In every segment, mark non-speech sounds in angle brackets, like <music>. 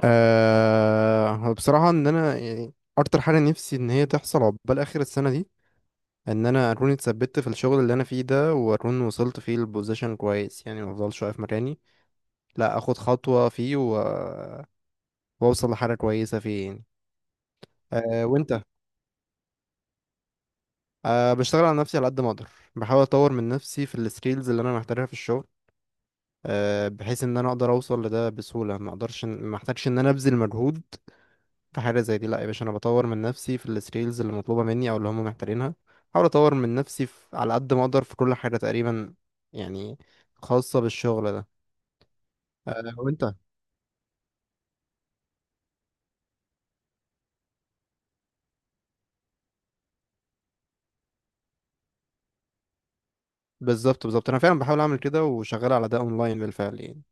بصراحة إن أنا يعني أكتر حاجة نفسي إن هي تحصل عقبال آخر السنة دي. إن أنا أكون اتثبت في الشغل اللي أنا فيه ده، وأكون وصلت فيه البوزيشن كويس، يعني مفضلش واقف مكاني، لأ، أخد خطوة فيه وأوصل لحاجة كويسة فيه يعني. أه وأنت؟ بشتغل على نفسي على قد ما أقدر، بحاول أطور من نفسي في السكيلز اللي أنا محتاجها في الشغل، بحيث إن أنا أقدر أوصل لده بسهولة، ما أقدرش، ما أحتاجش إن أنا أبذل مجهود في حاجة زي دي. لا يا باشا، انا بطور من نفسي في السكيلز اللي مطلوبة مني او اللي هم محتاجينها، احاول اطور من نفسي في على قد ما اقدر في كل حاجة تقريبا يعني، خاصة بالشغل ده. أه وانت؟ بالظبط بالظبط، انا فعلا بحاول اعمل كده وشغال على ده اونلاين بالفعل يعني.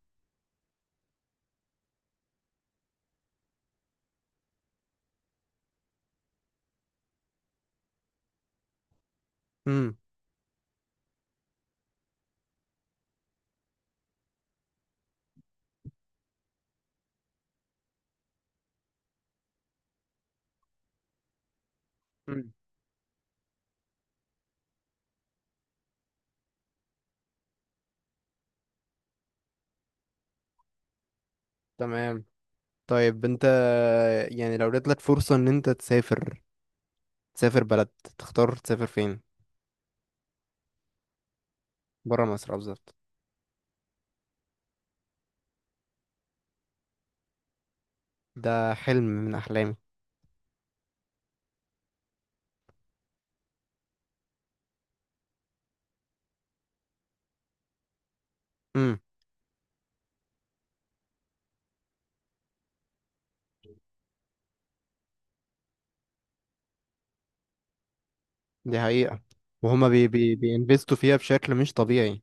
امم. أمم، تمام. طيب انت، يعني لو جاتلك فرصة ان انت تسافر، تسافر بلد، تختار تسافر فين؟ برا مصر بالظبط. ده حلم من احلامي. امم. دي حقيقة. وهما بي بي بينفستوا فيها بشكل مش طبيعي.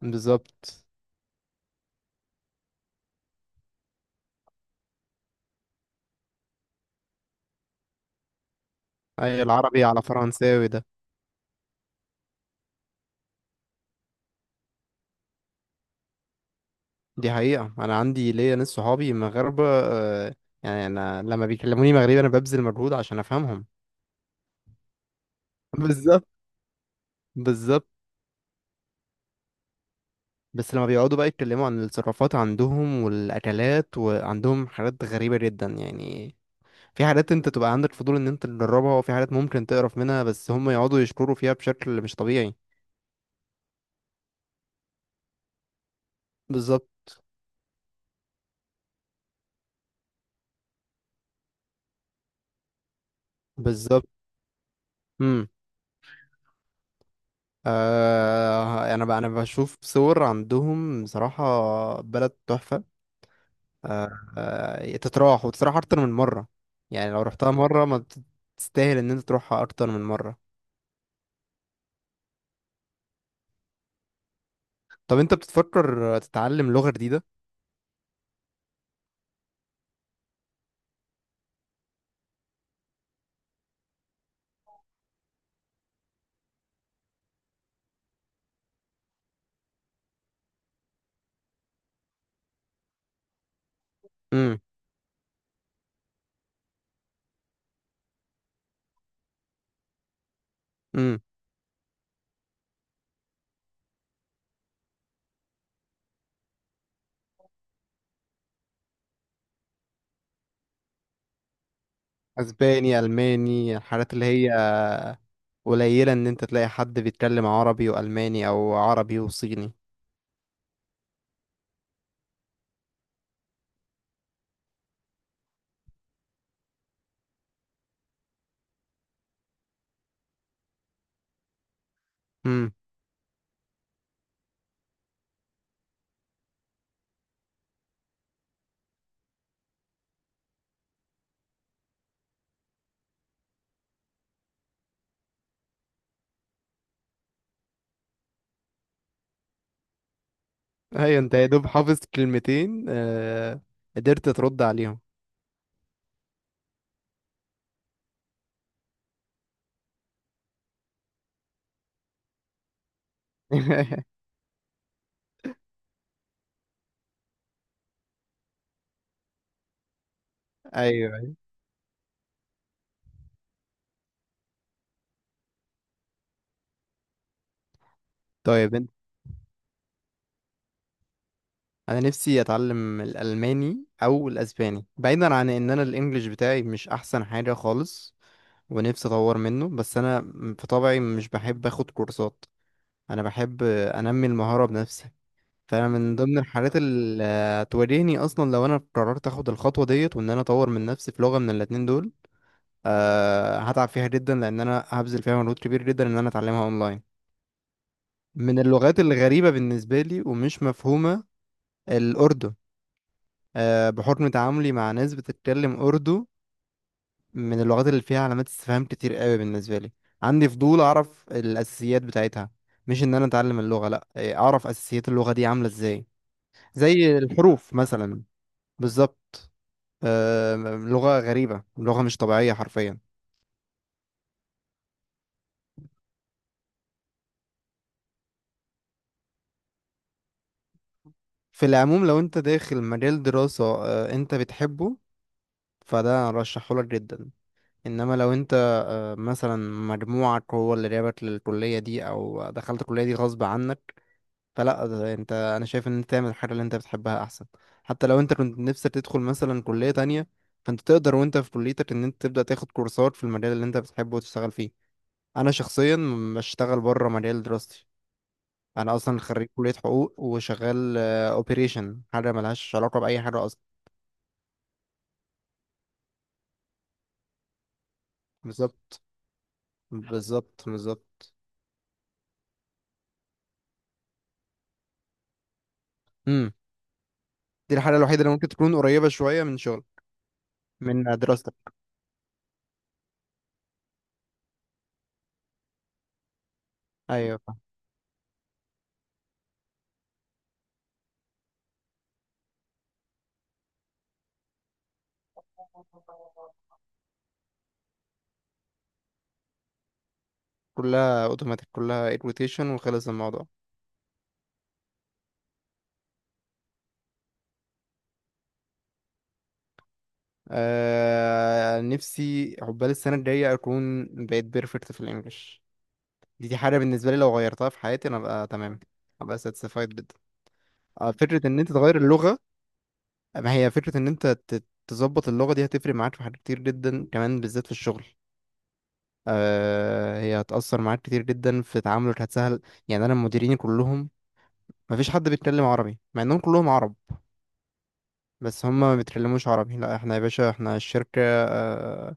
بالظبط. اي العربي على فرنساوي ده؟ دي حقيقة، انا عندي ليا ناس صحابي مغاربة آه، يعني انا لما بيكلموني مغربي انا ببذل مجهود عشان افهمهم. بالظبط. بالظبط، بس لما بيقعدوا بقى يتكلموا عن التصرفات عندهم والاكلات، وعندهم حاجات غريبة جدا يعني. في حاجات انت تبقى عندك فضول ان انت تجربها، وفي حاجات ممكن تقرف منها بس هم يقعدوا يشكروا فيها بشكل مش طبيعي. بالظبط. بالظبط. مم. آه، انا بقى انا بشوف صور عندهم بصراحة، بلد تحفة. آه. آه، تتراح وتتراح اكتر من مرة. يعني لو رحتها مرة ما بت- تستاهل ان انت تروحها اكتر من مرة. طب انت بتفكر تتعلم لغة جديدة؟ امم. امم. اسباني، الماني، الحاجات اللي هي قليلة ان انت تلاقي حد بيتكلم عربي والماني او عربي وصيني. امم. ايوه، انت يا دوب حافظ كلمتين آه، قدرت ترد عليهم؟ <laughs> ايوه. طيب، انا نفسي اتعلم الالماني او الاسباني، بعيدا عن ان انا الانجليش بتاعي مش احسن حاجة خالص، ونفسي اطور منه، بس انا في طبعي مش بحب اخد كورسات، انا بحب انمي المهارة بنفسي. فانا من ضمن الحاجات اللي هتواجهني اصلا لو انا قررت اخد الخطوة ديت وان انا اطور من نفسي في لغة من الاتنين دول، هتعب فيها جدا لان انا هبذل فيها مجهود كبير جدا ان انا اتعلمها اونلاين. من اللغات الغريبة بالنسبة لي ومش مفهومة، الأردن، آه، بحكم تعاملي مع ناس بتتكلم أردو، من اللغات اللي فيها علامات استفهام كتير قوي بالنسبة لي. عندي فضول أعرف الأساسيات بتاعتها، مش إن أنا أتعلم اللغة لأ، آه، أعرف أساسيات اللغة دي عاملة إزاي، زي الحروف مثلا. بالظبط. آه، لغة غريبة، لغة مش طبيعية حرفيا. في العموم لو أنت داخل مجال دراسة آه، أنت بتحبه، فده أرشحهولك جدا. انما لو انت آه، مثلا مجموعك هو اللي جابك للكلية دي، او دخلت الكلية دي غصب عنك، فلا، ده انت، انا شايف ان انت تعمل الحاجه اللي انت بتحبها احسن. حتى لو انت كنت نفسك تدخل مثلا كليه تانية، فانت تقدر وانت في كليتك ان انت تبدا تاخد كورسات في المجال اللي انت بتحبه وتشتغل فيه. انا شخصيا بشتغل بره مجال دراستي، انا اصلا خريج كليه حقوق وشغال اوبريشن، حاجه ملهاش علاقه باي حاجه اصلا. بالظبط. بالظبط بالظبط. امم. دي الحاجه الوحيده اللي ممكن تكون قريبه شويه من شغل، من دراستك. ايوه فاهم. كلها اوتوماتيك، كلها ايد روتيشن، وخلص الموضوع. آه نفسي عقبال السنة الجاية أكون بقيت بيرفكت في الإنجليش. دي حاجة بالنسبة لي لو غيرتها في حياتي أنا أبقى تمام، أبقى ساتسفايد جدا. آه فكرة إن أنت تغير اللغة، ما هي فكرة إن أنت تظبط اللغة دي هتفرق معاك في حاجات كتير جدا كمان بالذات في الشغل. آه هي هتأثر معاك كتير جدا في تعاملك، هتسهل. يعني أنا مديريني كلهم، مفيش حد بيتكلم عربي مع إنهم كلهم عرب، بس هما ما بيتكلموش عربي، لا احنا يا باشا، احنا الشركة آه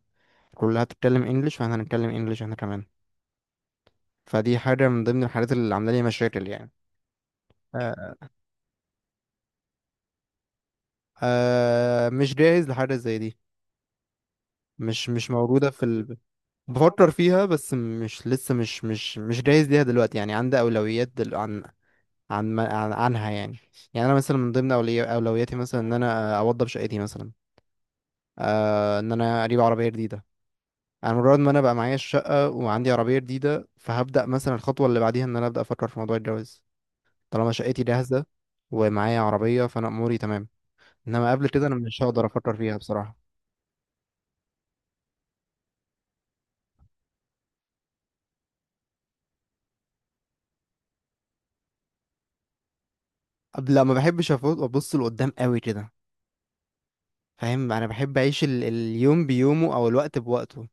كلها بتتكلم انجلش، فاحنا هنتكلم انجلش احنا كمان. فدي حاجة من ضمن الحاجات اللي عاملة لي مشاكل يعني. آه. آه مش جاهز لحاجة زي دي. مش موجودة بفكر فيها بس مش لسه مش مش مش جاهز ليها دلوقتي يعني، عندي أولويات دل... عن عن ما- عن عنها يعني. يعني أنا مثلا من ضمن أولوياتي مثلا إن أنا أوضب شقتي مثلا، آه إن أنا أجيب عربية جديدة. أنا مجرد ما أنا بقى معايا الشقة وعندي عربية جديدة فهبدأ مثلا الخطوة اللي بعديها إن أنا أبدأ أفكر في موضوع الجواز، طالما شقتي جاهزة ومعايا عربية فأنا أموري تمام. انما قبل كده انا مش هقدر افكر فيها بصراحه. قبل لا ما بحبش ابص لقدام قوي كده، فاهم، انا بحب اعيش اليوم بيومه او الوقت بوقته،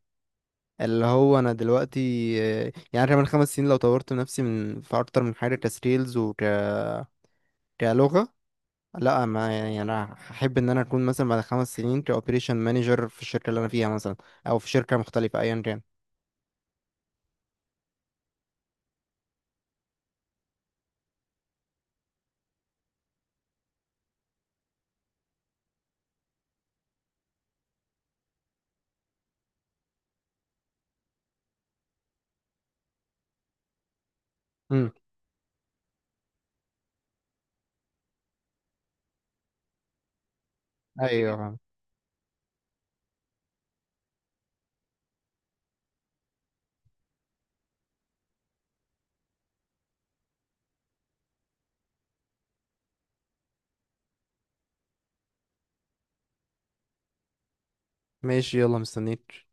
اللي هو انا دلوقتي. آه، يعني كمان 5 سنين لو طورت نفسي من في اكتر من حاجه كسكيلز وك كلغه، لا ما يعني انا هحب ان انا اكون مثلا بعد 5 سنين كاوبريشن مانجر في الشركه اللي انا فيها مثلا، او في شركه مختلفه ايا كان. امم. ايوه. ماشي يلا مستنيك.